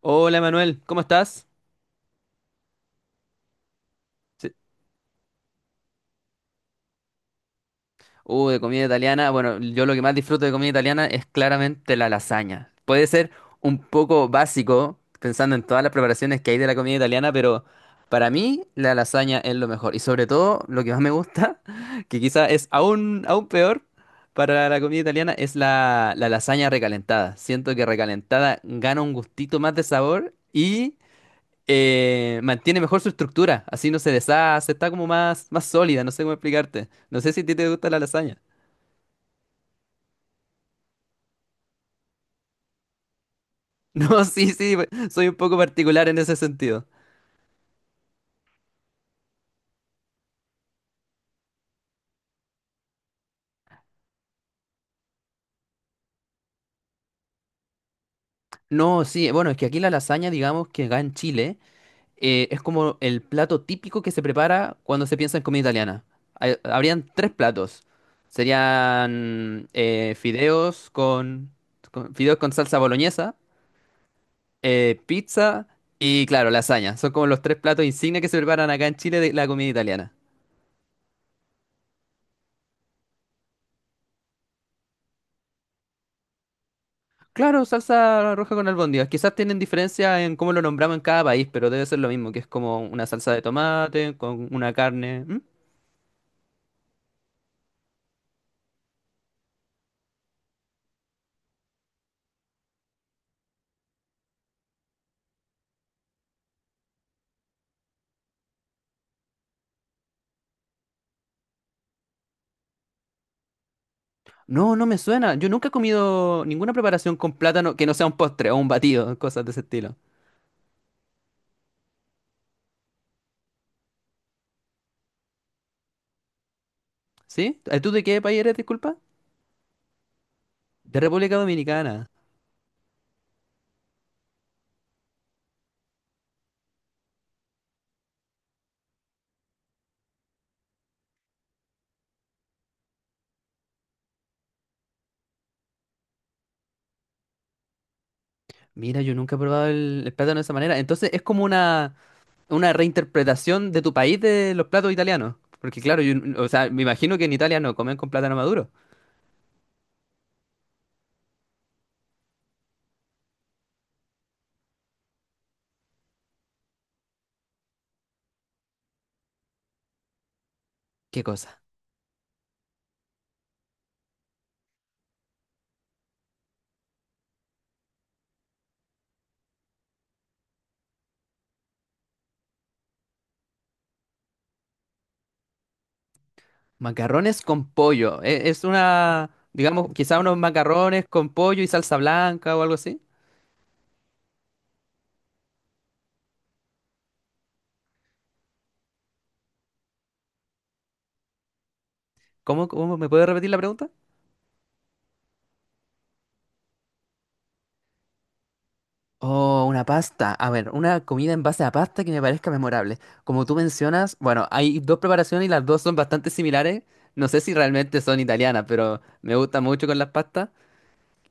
Hola Manuel, ¿cómo estás? Sí. De comida italiana. Bueno, yo lo que más disfruto de comida italiana es claramente la lasaña. Puede ser un poco básico, pensando en todas las preparaciones que hay de la comida italiana, pero para mí la lasaña es lo mejor. Y sobre todo, lo que más me gusta, que quizá es aún peor para la comida italiana, es la lasaña recalentada. Siento que recalentada gana un gustito más de sabor y mantiene mejor su estructura, así no se deshace, está como más sólida, no sé cómo explicarte. No sé si a ti te gusta la lasaña. No, sí, sí, pues, soy un poco particular en ese sentido. No, sí, bueno, es que aquí la lasaña, digamos que acá en Chile, es como el plato típico que se prepara cuando se piensa en comida italiana. Habrían tres platos. Serían fideos fideos con salsa boloñesa, pizza y, claro, lasaña. Son como los tres platos insignia que se preparan acá en Chile de la comida italiana. Claro, salsa roja con albóndigas. Quizás tienen diferencia en cómo lo nombramos en cada país, pero debe ser lo mismo, que es como una salsa de tomate con una carne. ¿Mm? No, no me suena. Yo nunca he comido ninguna preparación con plátano que no sea un postre o un batido, cosas de ese estilo. ¿Sí? ¿Tú de qué país eres, disculpa? De República Dominicana. Mira, yo nunca he probado el plátano de esa manera. Entonces es como una reinterpretación de tu país de los platos italianos. Porque claro, o sea, me imagino que en Italia no comen con plátano maduro. ¿Qué cosa? Macarrones con pollo. Es una, digamos, quizá unos macarrones con pollo y salsa blanca o algo así. ¿Cómo, cómo me puede repetir la pregunta? Oh, una pasta. A ver, una comida en base a pasta que me parezca memorable. Como tú mencionas, bueno, hay dos preparaciones y las dos son bastante similares. No sé si realmente son italianas, pero me gusta mucho con las pastas.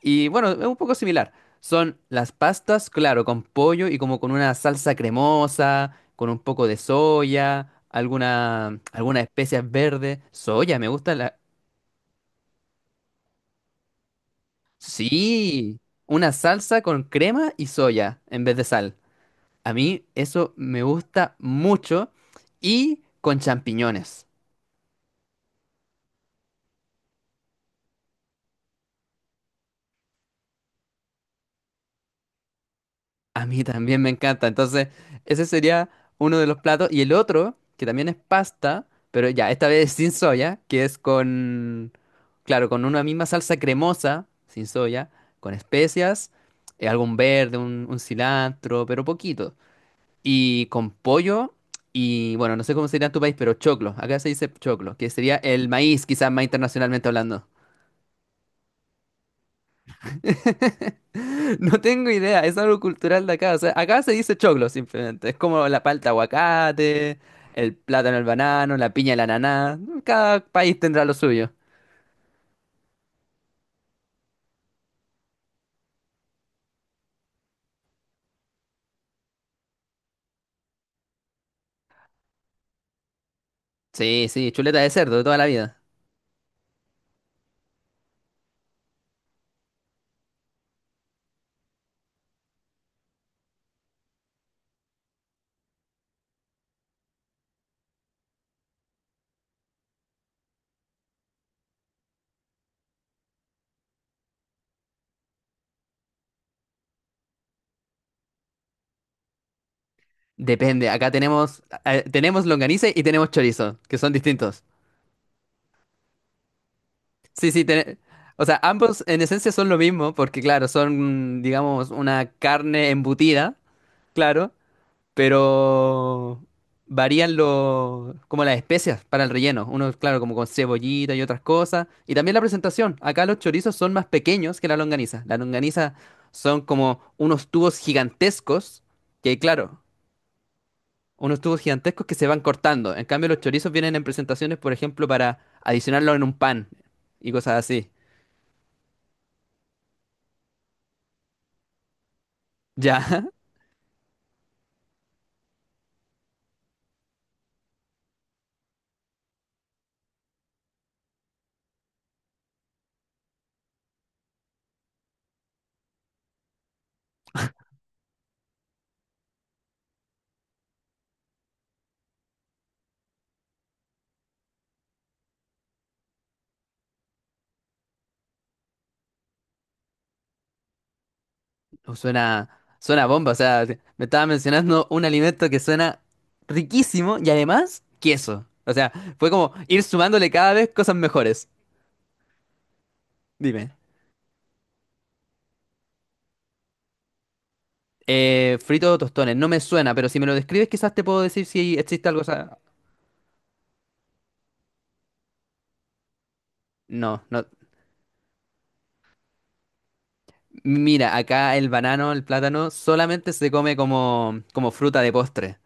Y bueno, es un poco similar. Son las pastas, claro, con pollo y como con una salsa cremosa, con un poco de soya, algunas especias verdes. Soya, me gusta la... Sí, una salsa con crema y soya en vez de sal. A mí eso me gusta mucho. Y con champiñones. A mí también me encanta. Entonces, ese sería uno de los platos. Y el otro, que también es pasta, pero ya, esta vez sin soya, que es con, claro, con una misma salsa cremosa, sin soya, con especias, algún verde, un cilantro, pero poquito. Y con pollo y, bueno, no sé cómo sería en tu país, pero choclo. Acá se dice choclo, que sería el maíz, quizás más internacionalmente hablando. No tengo idea, es algo cultural de acá. O sea, acá se dice choclo simplemente. Es como la palta aguacate, el plátano el banano, la piña el ananá. Cada país tendrá lo suyo. Sí, sí, chuleta de cerdo de toda la vida. Depende, acá tenemos, tenemos longaniza y tenemos chorizo, que son distintos. Sí, sí, o sea, ambos en esencia son lo mismo, porque claro, son, digamos, una carne embutida, claro. Pero varían los, como las especias para el relleno. Uno, claro, como con cebollita y otras cosas. Y también la presentación. Acá los chorizos son más pequeños que la longaniza. La longaniza son como unos tubos gigantescos, que claro, unos tubos gigantescos que se van cortando. En cambio, los chorizos vienen en presentaciones, por ejemplo, para adicionarlo en un pan y cosas así. Ya. Uh, Suena, suena bomba, o sea, me estaba mencionando un alimento que suena riquísimo y además queso. O sea, fue como ir sumándole cada vez cosas mejores. Dime. Frito o tostones, no me suena, pero si me lo describes quizás te puedo decir si existe algo. O sea, no, no. Mira, acá el banano, el plátano, solamente se come como, como fruta de postre.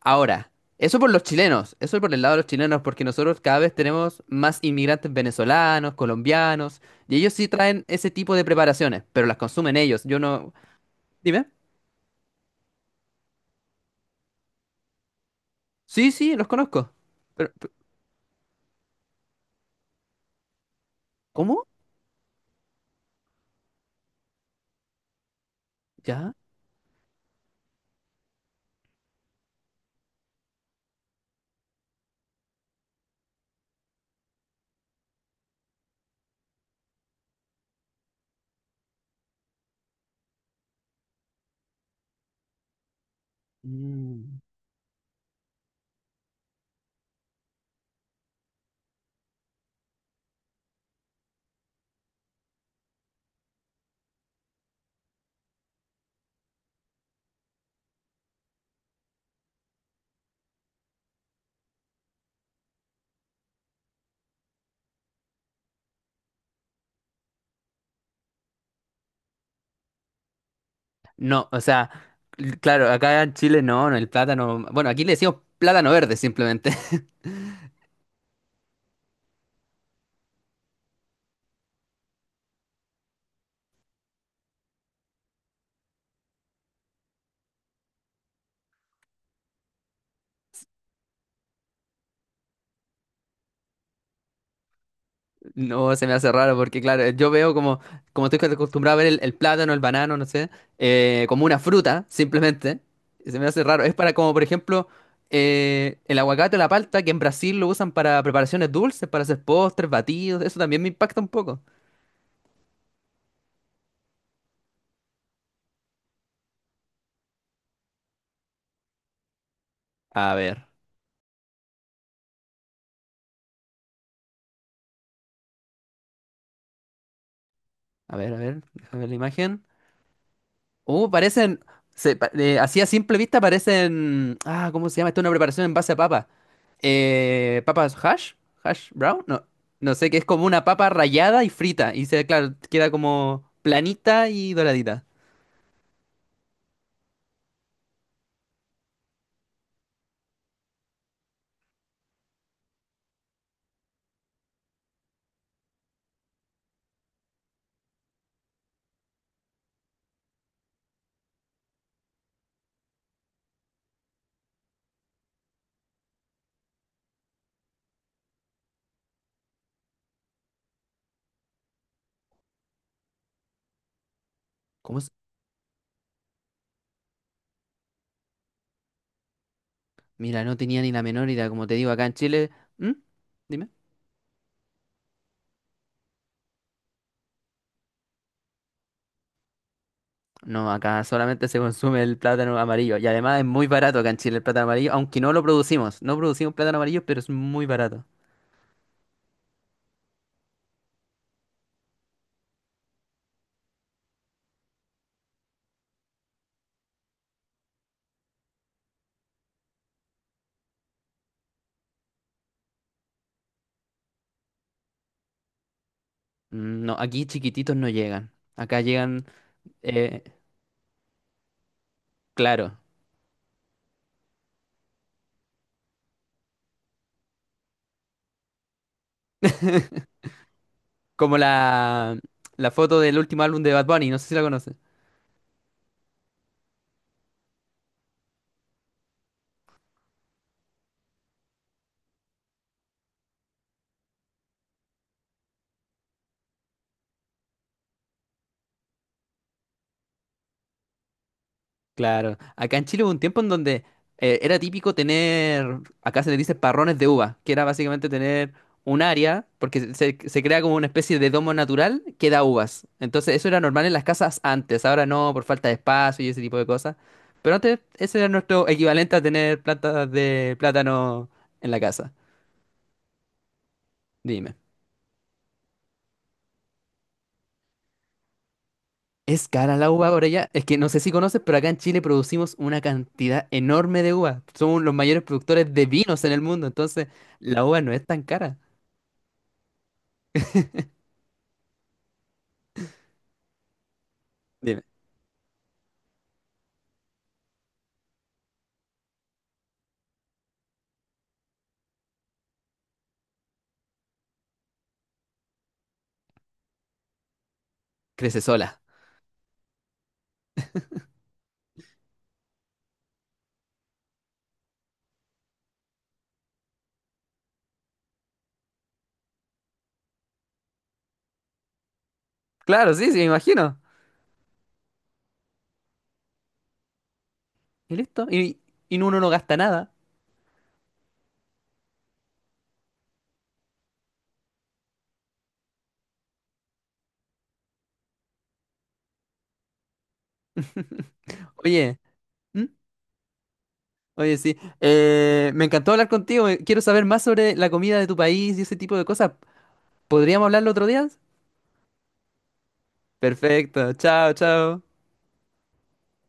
Ahora, eso por los chilenos, eso por el lado de los chilenos, porque nosotros cada vez tenemos más inmigrantes venezolanos, colombianos, y ellos sí traen ese tipo de preparaciones, pero las consumen ellos. Yo no... Dime. Sí, sí, los conozco. Pero, pero, ¿Cómo? ¿Ya? Mm. No, o sea, claro, acá en Chile, no, no, el plátano... Bueno, aquí le decimos plátano verde simplemente. No, se me hace raro porque, claro, yo veo como, como estoy acostumbrado a ver el plátano, el banano, no sé, como una fruta, simplemente. Y se me hace raro. Es para como, por ejemplo, el aguacate o la palta, que en Brasil lo usan para preparaciones dulces, para hacer postres, batidos. Eso también me impacta un poco. A ver, a ver, déjame ver la imagen. Uh, parecen, así a simple vista parecen, ah, ¿cómo se llama? Esto es una preparación en base a papa. Eh, papas hash, hash brown, no, no sé, que es como una papa rallada y frita y se, claro, queda como planita y doradita. ¿Cómo se- Mira, no tenía ni la menor idea, como te digo, acá en Chile. ¿Mm? Dime. No, acá solamente se consume el plátano amarillo y además es muy barato acá en Chile el plátano amarillo, aunque no lo producimos, no producimos plátano amarillo, pero es muy barato. Mm. No, aquí chiquititos no llegan. Acá llegan. Eh, claro. Como la foto del último álbum de Bad Bunny, no sé si la conoces. Claro. Acá en Chile hubo un tiempo en donde era típico tener, acá se le dice parrones de uva, que era básicamente tener un área, porque se crea como una especie de domo natural que da uvas. Entonces eso era normal en las casas antes, ahora no, por falta de espacio y ese tipo de cosas. Pero antes ese era nuestro equivalente a tener plantas de plátano en la casa. Dime. Es cara la uva por allá. Es que no sé si conoces, pero acá en Chile producimos una cantidad enorme de uva. Somos los mayores productores de vinos en el mundo, entonces la uva no es tan cara. Dime, crece sola. Claro, sí, sí, me imagino. Y listo. Y uno no gasta nada. Oye, ¿mm? Oye, sí. Me encantó hablar contigo. Quiero saber más sobre la comida de tu país y ese tipo de cosas. ¿Podríamos hablarlo otro día? Perfecto. Chao, chao.